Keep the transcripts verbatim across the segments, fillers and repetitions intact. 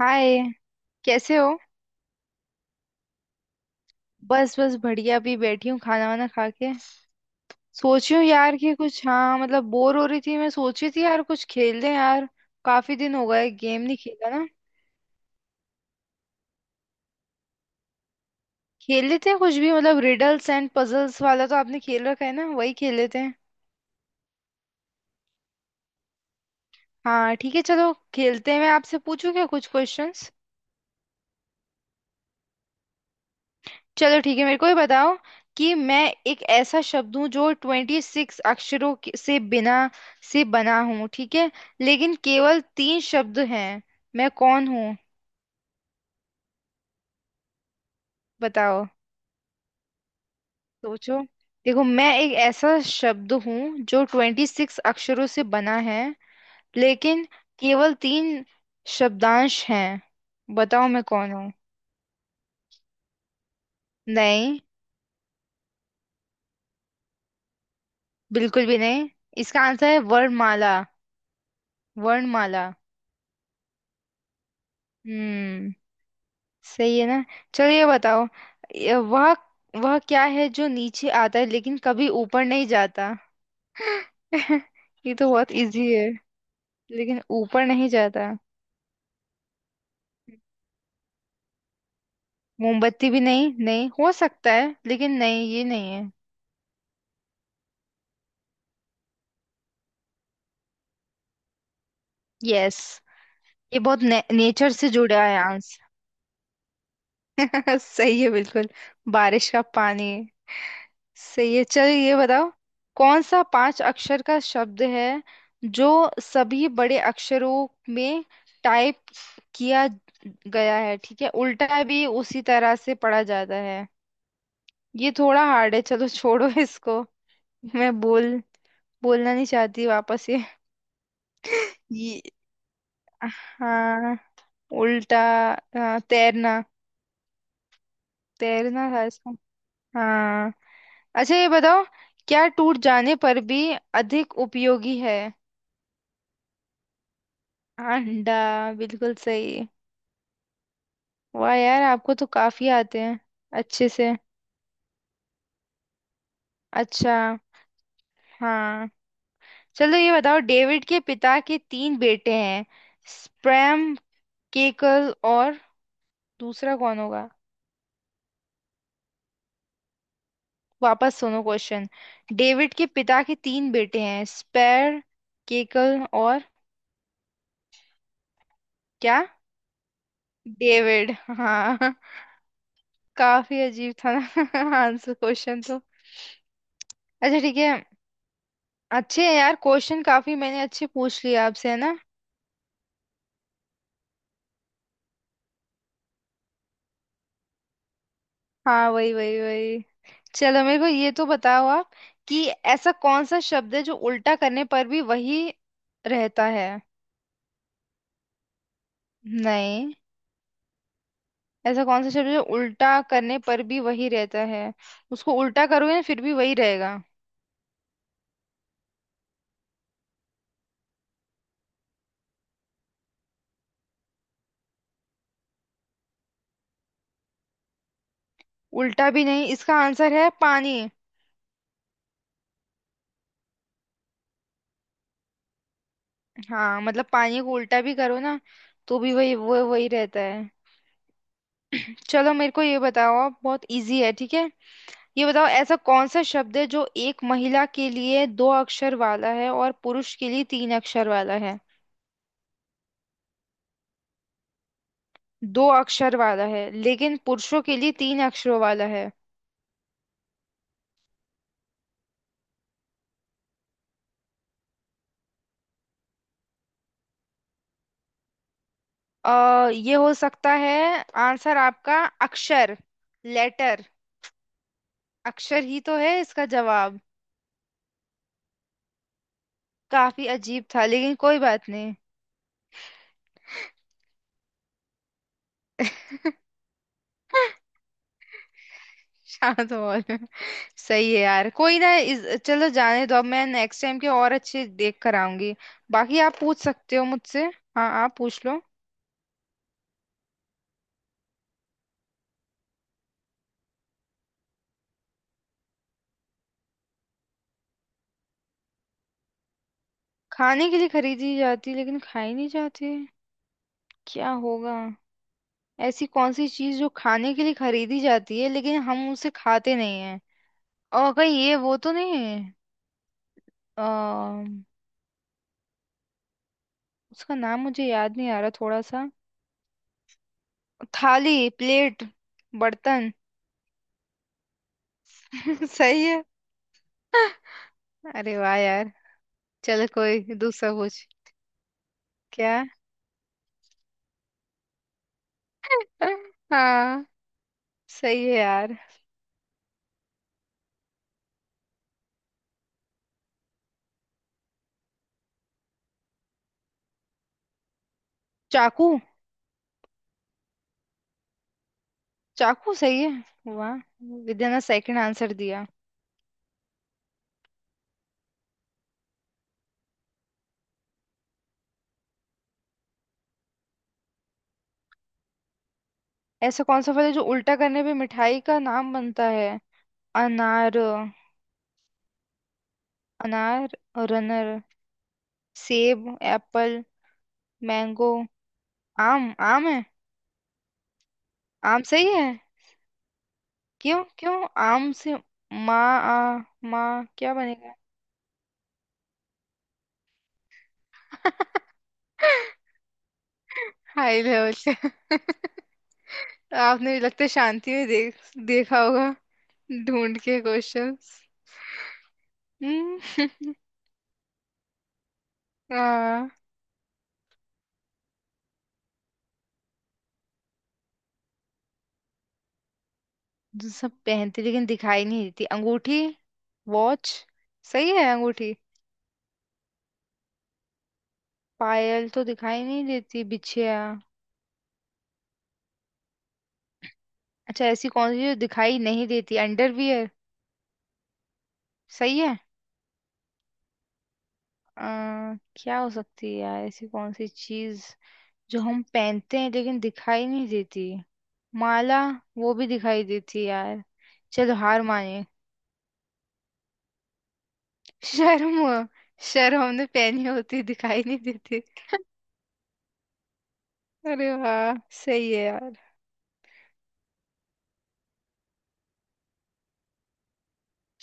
हाय। कैसे हो? बस बस बढ़िया, अभी बैठी हूँ खाना वाना खा के। सोची हूँ यार कि कुछ, हाँ मतलब बोर हो रही थी, मैं सोची थी यार कुछ खेल लें यार। काफी दिन हो गए गेम नहीं खेला ना। खेल लेते हैं कुछ भी, मतलब रिडल्स एंड पजल्स वाला तो आपने खेल रखा है ना, वही खेल लेते हैं। हाँ ठीक है चलो खेलते हैं, मैं आपसे पूछूं क्या कुछ क्वेश्चंस। चलो ठीक है, मेरे को ये बताओ कि मैं एक ऐसा शब्द हूँ जो ट्वेंटी सिक्स अक्षरों के- से बिना से बना हूँ, ठीक है। लेकिन केवल तीन शब्द हैं। मैं कौन हूँ? बताओ। सोचो। देखो मैं एक ऐसा शब्द हूँ जो ट्वेंटी सिक्स अक्षरों से बना है, लेकिन केवल तीन शब्दांश हैं। बताओ मैं कौन हूँ? नहीं। बिल्कुल भी नहीं। इसका आंसर है वर्णमाला। वर्णमाला। हम्म। सही है ना। चलो ये बताओ। ये वह वह क्या है जो नीचे आता है लेकिन कभी ऊपर नहीं जाता? ये तो बहुत इजी है। लेकिन ऊपर नहीं जाता। मोमबत्ती भी नहीं, नहीं हो सकता है लेकिन, नहीं ये नहीं है। यस। ये बहुत ने, नेचर से जुड़ा है आंसर। सही है बिल्कुल। बारिश का पानी। सही है चल ये बताओ। कौन सा पांच अक्षर का शब्द है जो सभी बड़े अक्षरों में टाइप किया गया है, ठीक है उल्टा भी उसी तरह से पढ़ा जाता है। ये थोड़ा हार्ड है चलो छोड़ो इसको। मैं बोल बोलना नहीं चाहती वापस ये। ये हाँ। उल्टा। हाँ, तैरना। तैरना था इसका। हाँ। अच्छा ये बताओ, क्या टूट जाने पर भी अधिक उपयोगी है? अंडा। बिल्कुल सही। वाह यार आपको तो काफी आते हैं। अच्छे से। अच्छा। हाँ। चलो ये बताओ, डेविड के पिता के तीन बेटे हैं, स्प्रैम, केकल और दूसरा कौन होगा? वापस सुनो क्वेश्चन। डेविड के पिता के तीन बेटे हैं स्पैर, केकल और। क्या? डेविड। हाँ। काफी अजीब था ना आंसर क्वेश्चन तो। अच्छा ठीक है। अच्छे हैं यार क्वेश्चन, काफी मैंने अच्छे पूछ लिए आपसे, है ना? हाँ वही वही वही। चलो मेरे को ये तो बताओ आप कि ऐसा कौन सा शब्द है जो उल्टा करने पर भी वही रहता है? नहीं। ऐसा कौन सा शब्द है जो उल्टा करने पर भी वही रहता है? उसको उल्टा करोगे ना फिर भी वही रहेगा। उल्टा भी नहीं, इसका आंसर है पानी। हाँ मतलब पानी को उल्टा भी करो ना तो भी वही, वो वही रहता है। चलो मेरे को ये बताओ आप, बहुत इजी है ठीक है। ये बताओ ऐसा कौन सा शब्द है जो एक महिला के लिए दो अक्षर वाला है और पुरुष के लिए तीन अक्षर वाला है? दो अक्षर वाला है लेकिन पुरुषों के लिए तीन अक्षरों वाला है। अ ये हो सकता है आंसर आपका। अक्षर। लेटर। अक्षर ही तो है इसका जवाब। काफी अजीब था लेकिन कोई बात नहीं। शांत हॉल। सही है यार कोई ना, इस चलो जाने दो, अब मैं नेक्स्ट टाइम के और अच्छे देख कर आऊंगी। बाकी आप पूछ सकते हो मुझसे। हाँ आप पूछ लो। खाने के लिए खरीदी जाती लेकिन खाई नहीं जाती। क्या होगा? ऐसी कौन सी चीज जो खाने के लिए खरीदी जाती है लेकिन हम उसे खाते नहीं हैं? और कहीं ये वो तो नहीं है? अम, उसका नाम मुझे याद नहीं आ रहा थोड़ा सा। थाली, प्लेट, बर्तन। सही है। अरे वाह यार। चलो कोई दूसरा पूछ। क्या? हाँ सही है यार। चाकू। चाकू सही है वाह। विद्या ने सेकंड आंसर दिया। ऐसा कौन सा फल है जो उल्टा करने पे मिठाई का नाम बनता है? अनार। अनार। रनर। सेब। एप्पल। मैंगो। आम आम है। आम सही है। क्यों क्यों आम से माँ आ? माँ क्या बनेगा? हाई लेवल से। आपने लगता है शांति में देख देखा होगा ढूंढ के क्वेश्चंस। हम्म। हाँ। जो सब पहनते लेकिन दिखाई नहीं देती? अंगूठी। वॉच। सही है अंगूठी। पायल तो दिखाई नहीं देती। बिछिया। अच्छा ऐसी कौन सी जो दिखाई नहीं देती? अंडरवियर। सही है। आ, क्या हो सकती है यार ऐसी कौन सी चीज जो हम पहनते हैं लेकिन दिखाई नहीं देती? माला। वो भी दिखाई देती है यार। चलो हार माने। शर्म। शर्म हमने पहनी होती दिखाई नहीं देती। अरे वाह। सही है यार।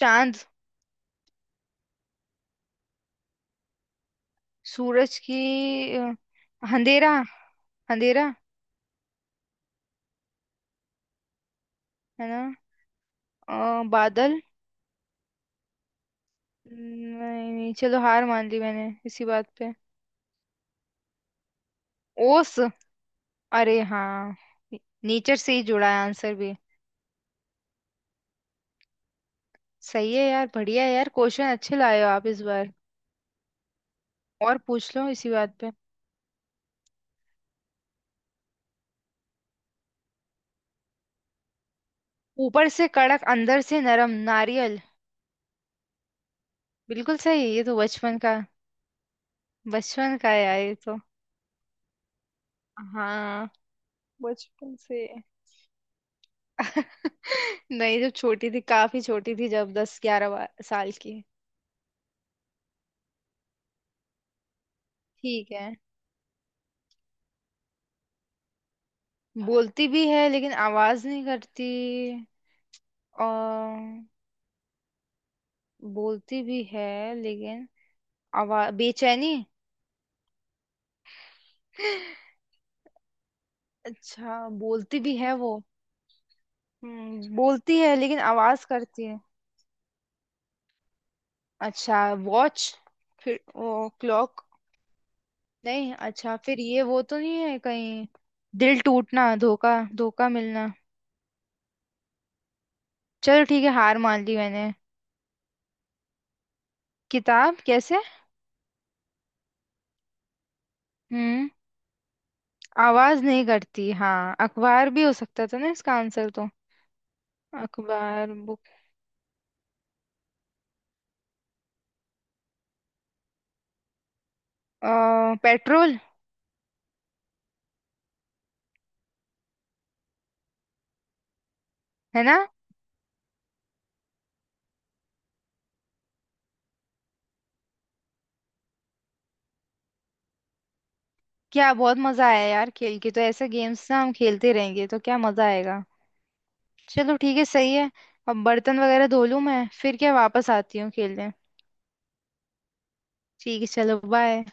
चांद। सूरज की। अ, अंधेरा। अंधेरा। है ना? अ, बादल। नहीं नहीं, चलो हार मान ली मैंने इसी बात पे। ओस। अरे हाँ। नेचर से ही जुड़ा है आंसर भी। सही है यार बढ़िया है यार, क्वेश्चन अच्छे लाए हो आप इस बार। और पूछ लो इसी बात पे। ऊपर से कड़क अंदर से नरम, नारियल। बिल्कुल सही, ये तो बचपन का। बचपन का है यार ये तो। हाँ। बचपन से। नहीं, जब छोटी थी काफी छोटी थी, जब दस ग्यारह साल की। ठीक है। बोलती भी है लेकिन आवाज नहीं करती। और बोलती भी है लेकिन आवाज बेचैनी। अच्छा बोलती भी है वो। हम्म बोलती है लेकिन आवाज करती है। अच्छा वॉच? फिर वो क्लॉक? नहीं अच्छा, फिर ये वो तो नहीं है कहीं? दिल टूटना, धोखा धोखा मिलना। चलो ठीक है हार मान ली मैंने। किताब कैसे? हम्म। आवाज नहीं करती हाँ, अखबार भी हो सकता था ना इसका आंसर तो। अखबार, बुक। आ, पेट्रोल। है ना? क्या बहुत मजा आया यार, खेल के तो ऐसे गेम्स ना हम खेलते रहेंगे तो क्या मजा आएगा। चलो ठीक है सही है। अब बर्तन वगैरह धो लूँ मैं फिर क्या वापस आती हूँ खेलने। ठीक है चलो बाय।